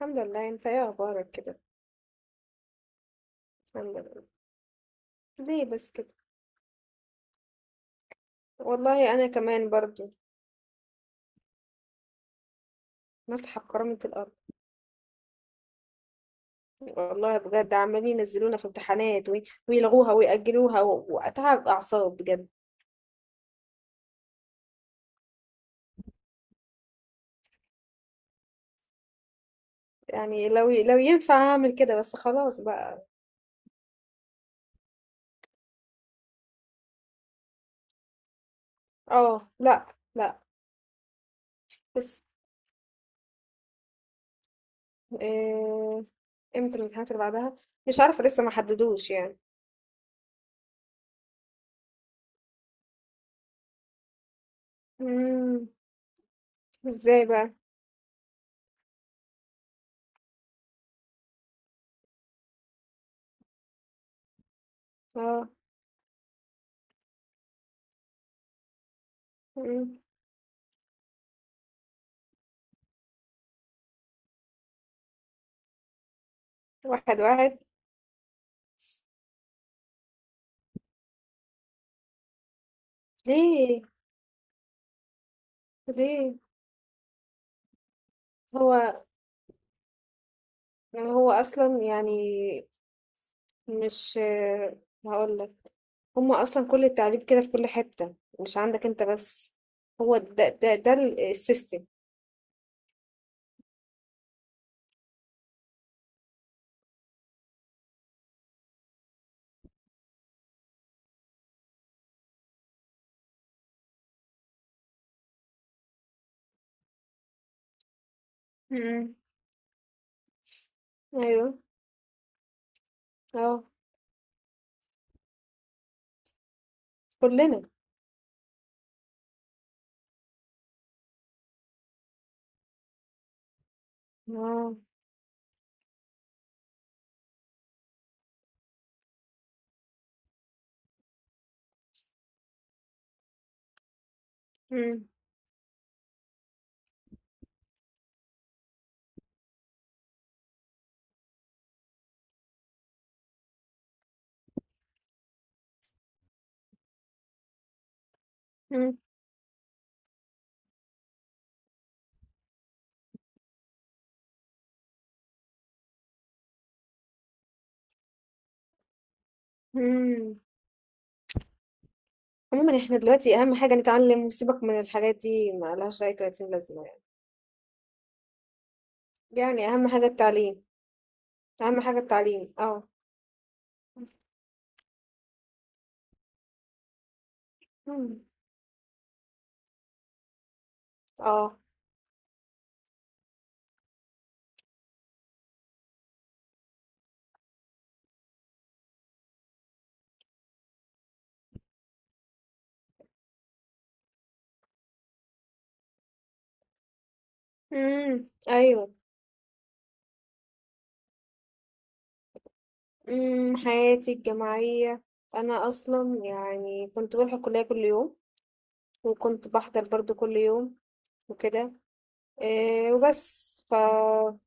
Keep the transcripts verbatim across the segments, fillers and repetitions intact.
الحمد لله، انت ايه اخبارك كده؟ الحمد لله. ليه بس كده؟ والله انا كمان برضو نصحى بكرامة الارض. والله بجد عمالين ينزلونا في امتحانات وي- ويلغوها ويأجلوها و- واتعب اعصاب بجد. يعني لو ي- لو ينفع اعمل كده بس خلاص بقى. اه، لا. لا. بس إيه... امتى الامتحانات اللي بعدها؟ مش عارفة، لسه ما حددوش يعني. مم. ازاي بقى؟ اه. مم. واحد واحد. ليه؟ ليه؟ هو يعني هو اصلا يعني مش، هقول لك، هما اصلا كل التعليم كده في كل حتة، مش عندك انت بس. هو ده ده ده ال- السيستم. مم. ايوه. اه. كلنا. اه. مم. مم. مم. عموما احنا دلوقتي اهم حاجة نتعلم، وسيبك من الحاجات دي، ما لهاش اي تلاتين لازمة يعني. يعني اهم حاجة التعليم. اهم حاجة التعليم، اه. مم. اه. مم. ايوه. امم، حياتي الجامعية، أنا أصلا يعني كنت بروح الكلية كل يوم، وكنت بحضر برضو كل يوم، وكده. إيه وبس، فقول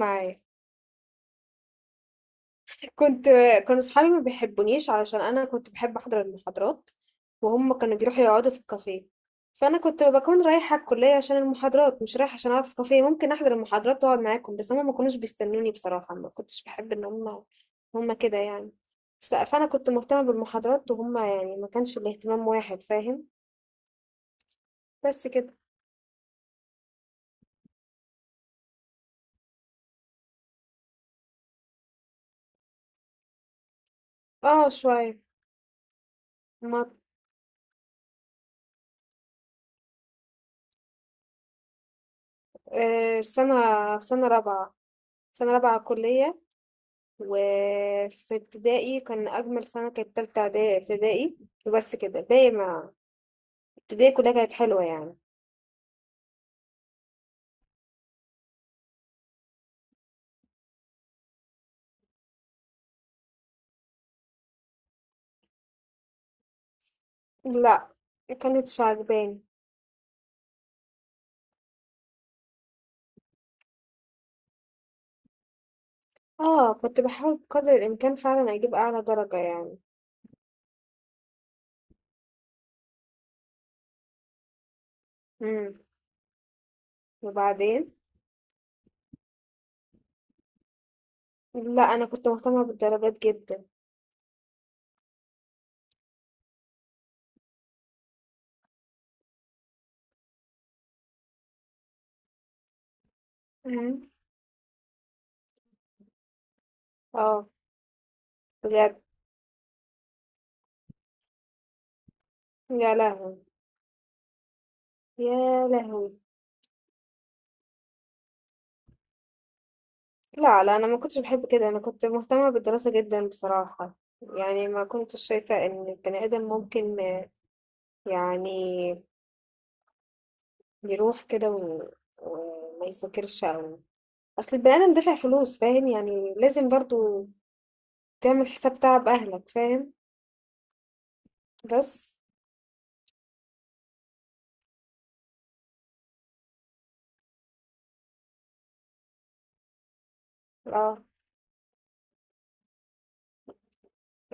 معايا. كنت، كانوا صحابي ما بيحبونيش علشان انا كنت بحب احضر المحاضرات، وهم كانوا بيروحوا يقعدوا في الكافيه. فانا كنت بكون رايحه الكليه عشان المحاضرات، مش رايحه عشان اقعد في كافيه. ممكن احضر المحاضرات واقعد معاكم، بس هم ما كانوش بيستنوني بصراحه. ما كنتش بحب ان هم هم كده يعني. بس- فانا كنت مهتمه بالمحاضرات، وهم يعني ما كانش الاهتمام واحد، فاهم؟ بس كده. اه شويه. ما، آه، في سنه، في سنه رابعه، سنه رابعه كليه. وفي ابتدائي كان أجمل سنة كانت تالتة إعدادي ابتدائي. وبس كده باقي، ما، ابتدائي كلها كانت حلوة يعني. لا مكانتش عجباني. اه، كنت بحاول بقدر الإمكان فعلا أجيب أعلى درجة يعني. مم. وبعدين، لا أنا كنت مهتمة بالدرجات جدا. مم. اه. بجد. يا لهوي. يا لهوي. لا لا، أنا ما كنتش بحب كده، أنا كنت مهتمة بالدراسة جدا بصراحة. يعني ما كنتش شايفة إن البني آدم ممكن يعني يروح كده و... وما يذاكرش، أو، أصل البني آدم دافع فلوس، فاهم يعني؟ لازم برضو تعمل حساب تعب أهلك، فاهم؟ بس. اه.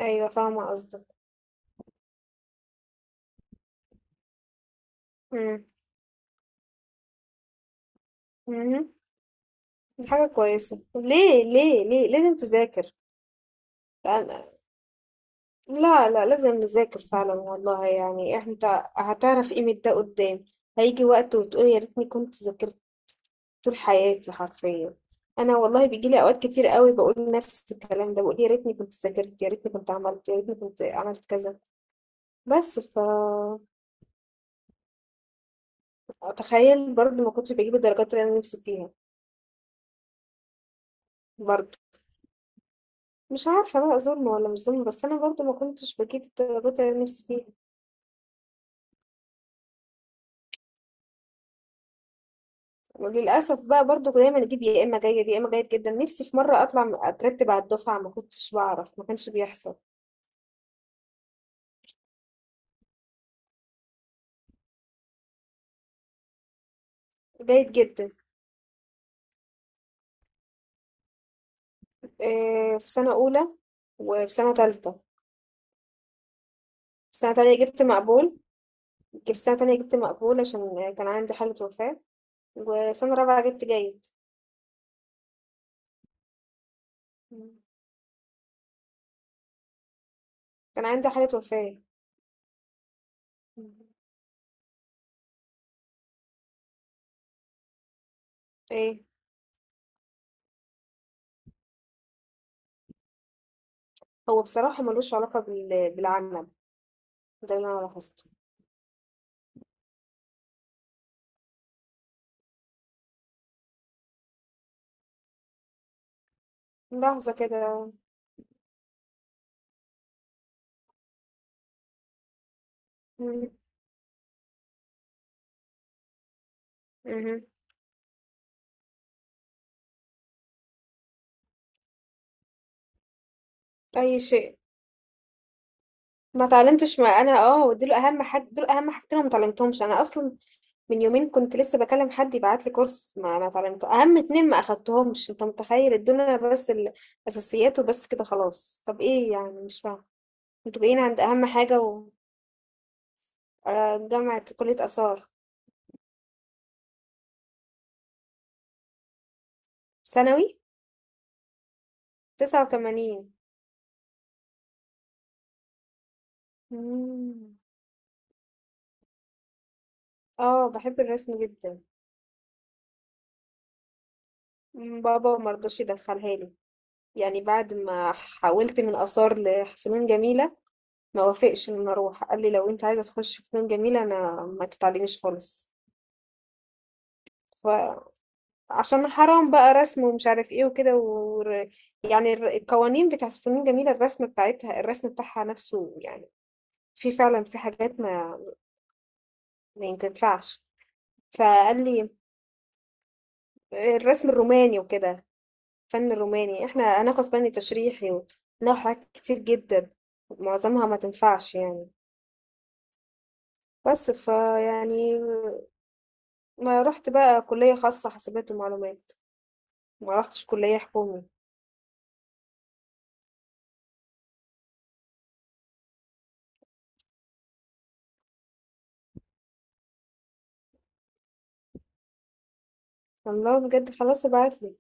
أيوة فاهمة قصدك. مم. مم. دي حاجة كويسة، ليه ليه ليه لازم تذاكر؟ أنا- لا لا، لازم نذاكر فعلا والله. يعني انت هتعرف قيمة ده قدام، هيجي وقت وتقول يا ريتني كنت ذاكرت. طول حياتي حرفيا، انا والله بيجي لي اوقات كتير قوي بقول نفس الكلام ده، بقول يا ريتني كنت ذاكرت، يا ريتني كنت عملت، يا ريتني كنت عملت كذا. بس ف تخيل، برضو ما كنتش بجيب الدرجات اللي انا نفسي فيها. برضو مش عارفه بقى ظلم ولا مش ظلم، بس انا برضو ما كنتش بجيب الدرجات اللي انا نفسي فيها. وللاسف بقى برضو دايما اجيب يا اما جيد يا اما جيد جدا. نفسي في مره اطلع من- اترتب على الدفعه، ما كنتش بعرف، ما كانش بيحصل. جيد جدا. آه، في سنه اولى، وفي سنه تالتة. في سنة تانية جبت مقبول. جبت سنة تانية جبت مقبول عشان كان عندي حالة وفاة. وسنة رابعة جبت جيد. كان عندي حالة وفاة. ايه، هو بصراحة ملوش علاقة بال- بالعمل، ده اللي انا لاحظته. لحظة كده. مم. مهم. اي شيء ما اتعلمتش. ما انا اه دول اهم حاجة، دول اهم حاجتين أنا ما اتعلمتهمش انا اصلا. من يومين كنت لسه بكلم حد يبعت لي كورس، ما ما اتعلمته. اهم اتنين ما اخدتهمش، انت متخيل الدنيا؟ بس الاساسيات وبس كده خلاص. طب ايه يعني؟ مش فاهمه. انتوا جايين عند اهم حاجة. آه، جامعة كلية آثار. ثانوي تسعة وتمانين. مم. اه بحب الرسم جدا. مم، بابا مرضاش يدخلها لي. يعني بعد ما حاولت من آثار لفنون جميلة، ما وافقش ان أنا اروح. قال لي لو انت عايزة تخش فنون جميلة، انا ما تتعلميش خالص. فعشان، حرام بقى رسم ومش عارف ايه وكده و... يعني الر- القوانين بتاعت فنون جميلة، الرسم بتاعتها، الرسم بتاعها نفسه يعني، في فعلا في حاجات ما، ما ينفعش. فقال لي الرسم الروماني وكده، فن الروماني، احنا هناخد فن تشريحي وناخد حاجات كتير جدا، معظمها ما تنفعش يعني. بس ف يعني ما رحت بقى كلية خاصة حاسبات ومعلومات، ما رحتش كلية حكومي. الله بجد، خلاص ابعتلي.